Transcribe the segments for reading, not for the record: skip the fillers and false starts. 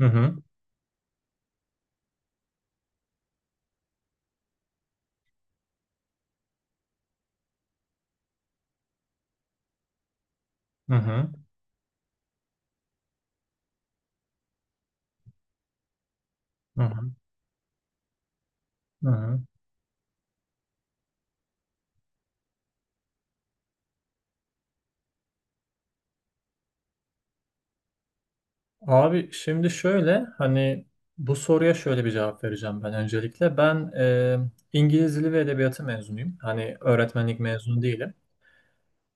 Hı hı, hı hı, hı hı, hı hı. Abi şimdi şöyle hani bu soruya şöyle bir cevap vereceğim ben öncelikle. Ben İngiliz Dili ve Edebiyatı mezunuyum. Hani öğretmenlik mezunu değilim.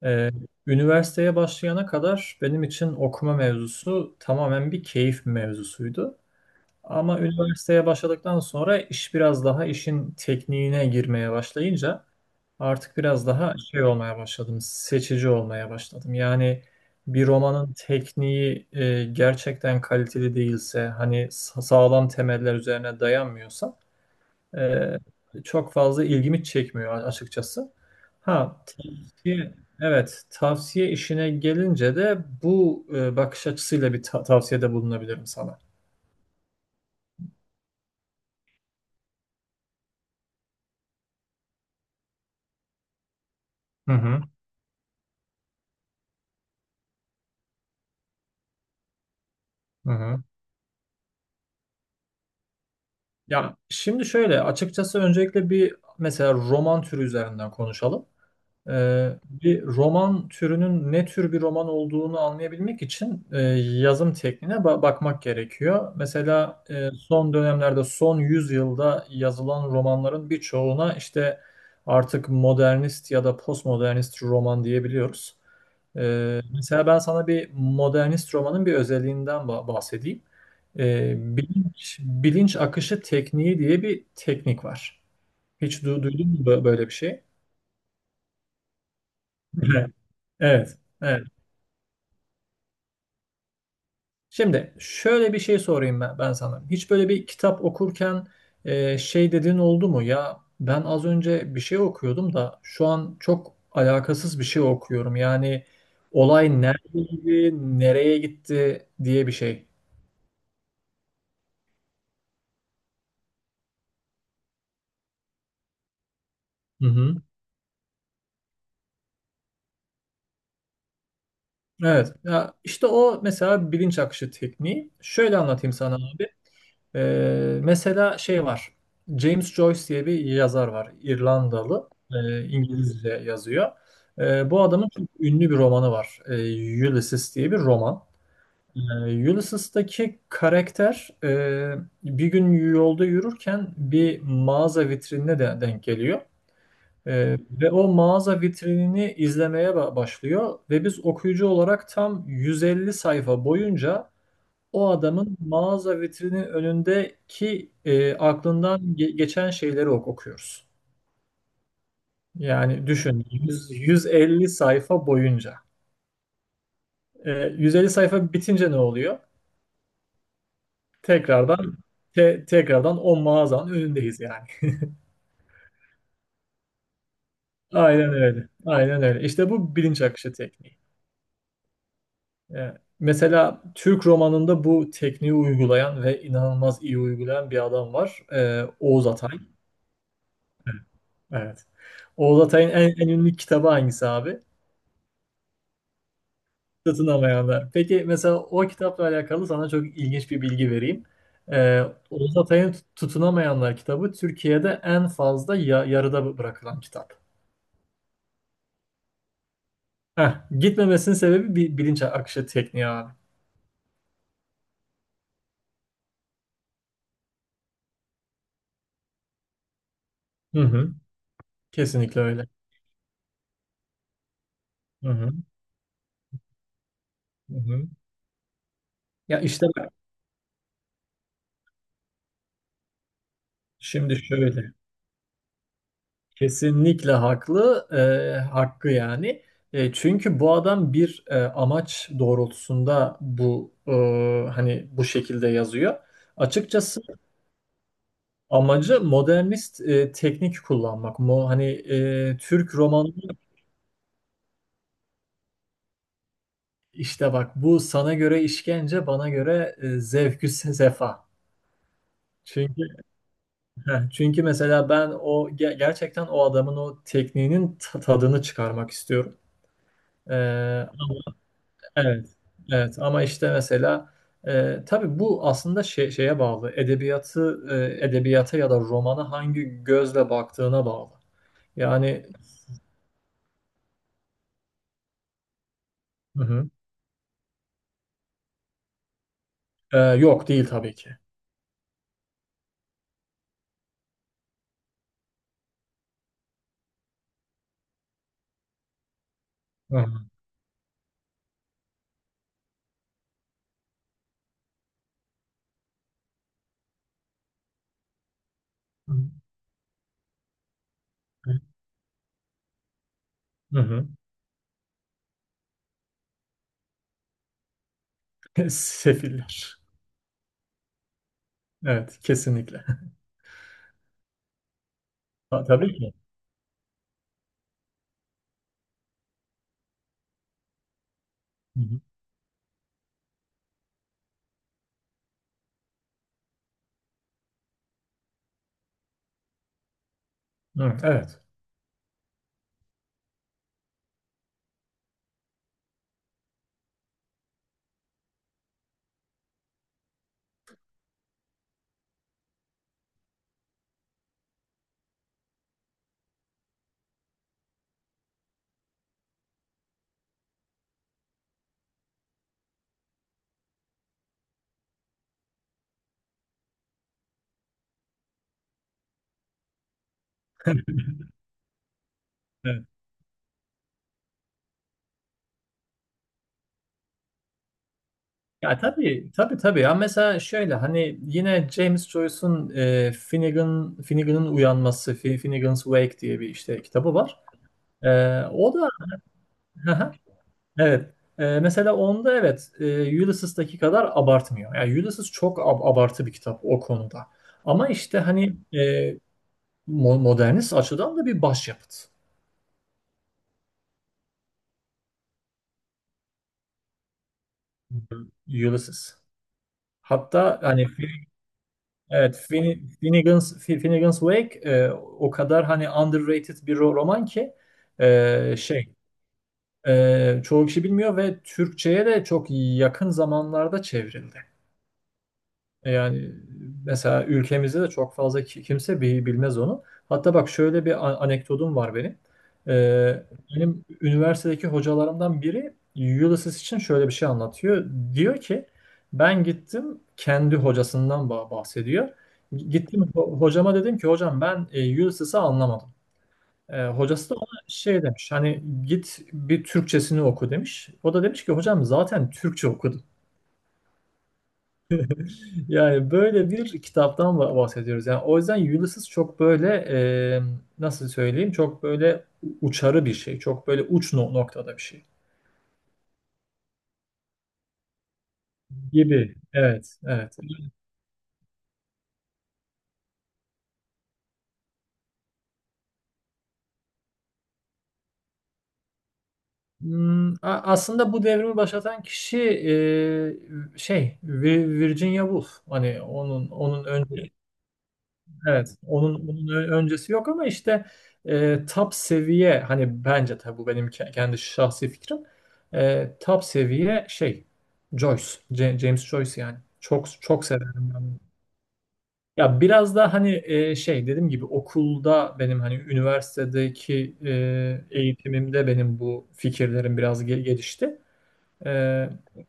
E, Üniversiteye başlayana kadar benim için okuma mevzusu tamamen bir keyif mevzusuydu. Ama üniversiteye başladıktan sonra iş biraz daha işin tekniğine girmeye başlayınca artık biraz daha şey olmaya başladım, seçici olmaya başladım. Yani bir romanın tekniği gerçekten kaliteli değilse, hani sağlam temeller üzerine dayanmıyorsa e, çok fazla ilgimi çekmiyor açıkçası. Ha, tavsiye, evet, tavsiye işine gelince de bu bakış açısıyla bir tavsiyede bulunabilirim sana. Hı hı, hı hı. Ya şimdi şöyle, açıkçası öncelikle bir mesela roman türü üzerinden konuşalım. Bir roman türünün ne tür bir roman olduğunu anlayabilmek için yazım tekniğine bakmak gerekiyor. Mesela son dönemlerde, son yüzyılda yazılan romanların birçoğuna işte artık modernist ya da postmodernist roman diyebiliyoruz. Mesela ben sana bir modernist romanın bir özelliğinden bahsedeyim. Bilinç akışı tekniği diye bir teknik var. Hiç duydun mu böyle bir şey? Evet. Evet. Şimdi şöyle bir şey sorayım ben sana. Hiç böyle bir kitap okurken şey dediğin oldu mu? Ya ben az önce bir şey okuyordum da şu an çok alakasız bir şey okuyorum. Yani olay neredeydi, nereye gitti diye bir şey. Hı hı. Evet. Ya işte o mesela bilinç akışı tekniği. Şöyle anlatayım sana, abi. Mesela şey var. James Joyce diye bir yazar var. İrlandalı. İngilizce yazıyor. Bu adamın çok ünlü bir romanı var. Ulysses diye bir roman. Ulysses'taki karakter bir gün yolda yürürken bir mağaza vitrinine de denk geliyor. Ve o mağaza vitrinini izlemeye başlıyor ve biz okuyucu olarak tam 150 sayfa boyunca o adamın mağaza vitrinin önündeki aklından geçen şeyleri okuyoruz. Yani düşün 100 150 sayfa boyunca. E, 150 sayfa bitince ne oluyor? Tekrardan tekrardan o mağazanın önündeyiz yani. Aynen öyle. Aynen öyle. İşte bu bilinç akışı tekniği. E, Mesela Türk romanında bu tekniği uygulayan ve inanılmaz iyi uygulayan bir adam var. Oğuz Atay. Evet. Oğuz Atay'ın en ünlü kitabı hangisi abi? Satın alamayanlar. Peki mesela o kitapla alakalı sana çok ilginç bir bilgi vereyim. Ee, Oğuz Atay'ın Tutunamayanlar kitabı Türkiye'de en fazla yarıda bırakılan kitap. Heh, gitmemesinin sebebi bir bilinç akışı tekniği abi. Hı hı. Kesinlikle öyle. Hı hı. Hı hı. Ya işte bak şimdi şöyle. Kesinlikle haklı. Hakkı yani. Çünkü bu adam bir amaç doğrultusunda bu hani bu şekilde yazıyor. Açıkçası amacı modernist teknik kullanmak. Hani Türk romanı işte bak bu sana göre işkence, bana göre zevkü sefa. Çünkü çünkü mesela ben o gerçekten o adamın o tekniğinin tadını çıkarmak istiyorum. E, evet. Evet ama işte mesela tabii bu aslında şey, şeye bağlı. Edebiyata ya da romana hangi gözle baktığına bağlı. Yani hı hı. Yok değil tabii ki. Hı hı. Hı hı. Sefiller. Evet, kesinlikle. Tabii ki. Hı hı. Hı, evet. Evet. Ya tabii, tabii tabii. Ya mesela şöyle hani yine James Joyce'un Finnegan'ın uyanması, Finnegan's Wake diye bir işte kitabı var. E, o da evet. Mesela onda evet Ulysses'taki kadar abartmıyor. Yani Ulysses çok abartı bir kitap o konuda. Ama işte hani e, modernist açıdan da bir başyapıt. Ulysses. Hatta hani evet, Finnegan's Wake o kadar hani underrated bir roman ki e, şey çoğu kişi bilmiyor ve Türkçe'ye de çok yakın zamanlarda çevrildi. Yani mesela ülkemizde de çok fazla kimse bilmez onu. Hatta bak şöyle bir anekdotum var benim. Ee, Benim üniversitedeki hocalarımdan biri Ulysses için şöyle bir şey anlatıyor. Diyor ki ben gittim kendi hocasından bahsediyor. Gittim hocama dedim ki hocam ben Ulysses'i anlamadım. Hocası da ona şey demiş hani git bir Türkçesini oku demiş. O da demiş ki hocam zaten Türkçe okudum. Yani böyle bir kitaptan bahsediyoruz. Yani o yüzden Ulysses çok böyle e, nasıl söyleyeyim çok böyle uçarı bir şey. Çok böyle uç noktada bir şey gibi. Evet, evet. Aslında bu devrimi başlatan kişi Virginia Woolf. Hani onun önce, evet, onun öncesi yok ama işte top seviye hani bence tabii bu benim kendi şahsi fikrim. Top seviye şey Joyce, James Joyce yani. Çok çok severim ben. Ya biraz da hani şey dediğim gibi okulda benim hani üniversitedeki eğitimimde benim bu fikirlerim biraz gelişti. E,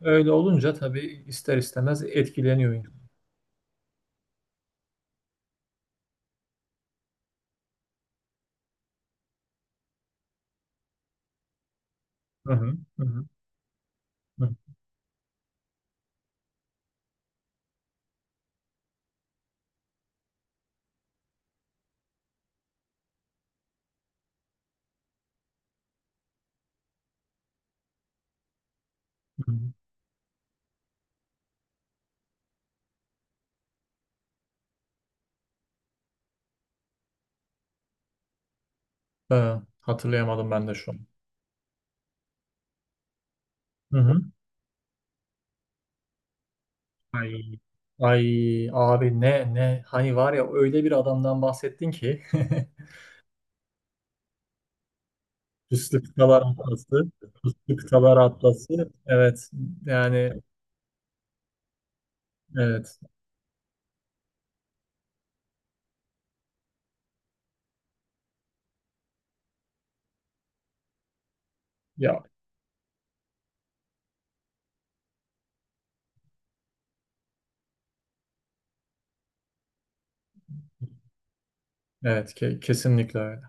öyle olunca tabii ister istemez etkileniyor. Hı hı, hı hı, hı hı. Ha, hatırlayamadım ben de şu an. Hı hı. Ay, ay abi ne hani var ya öyle bir adamdan bahsettin ki Puslu Kıtalar Atlası Puslu Kıtalar Atlası evet yani evet ya evet kesinlikle öyle.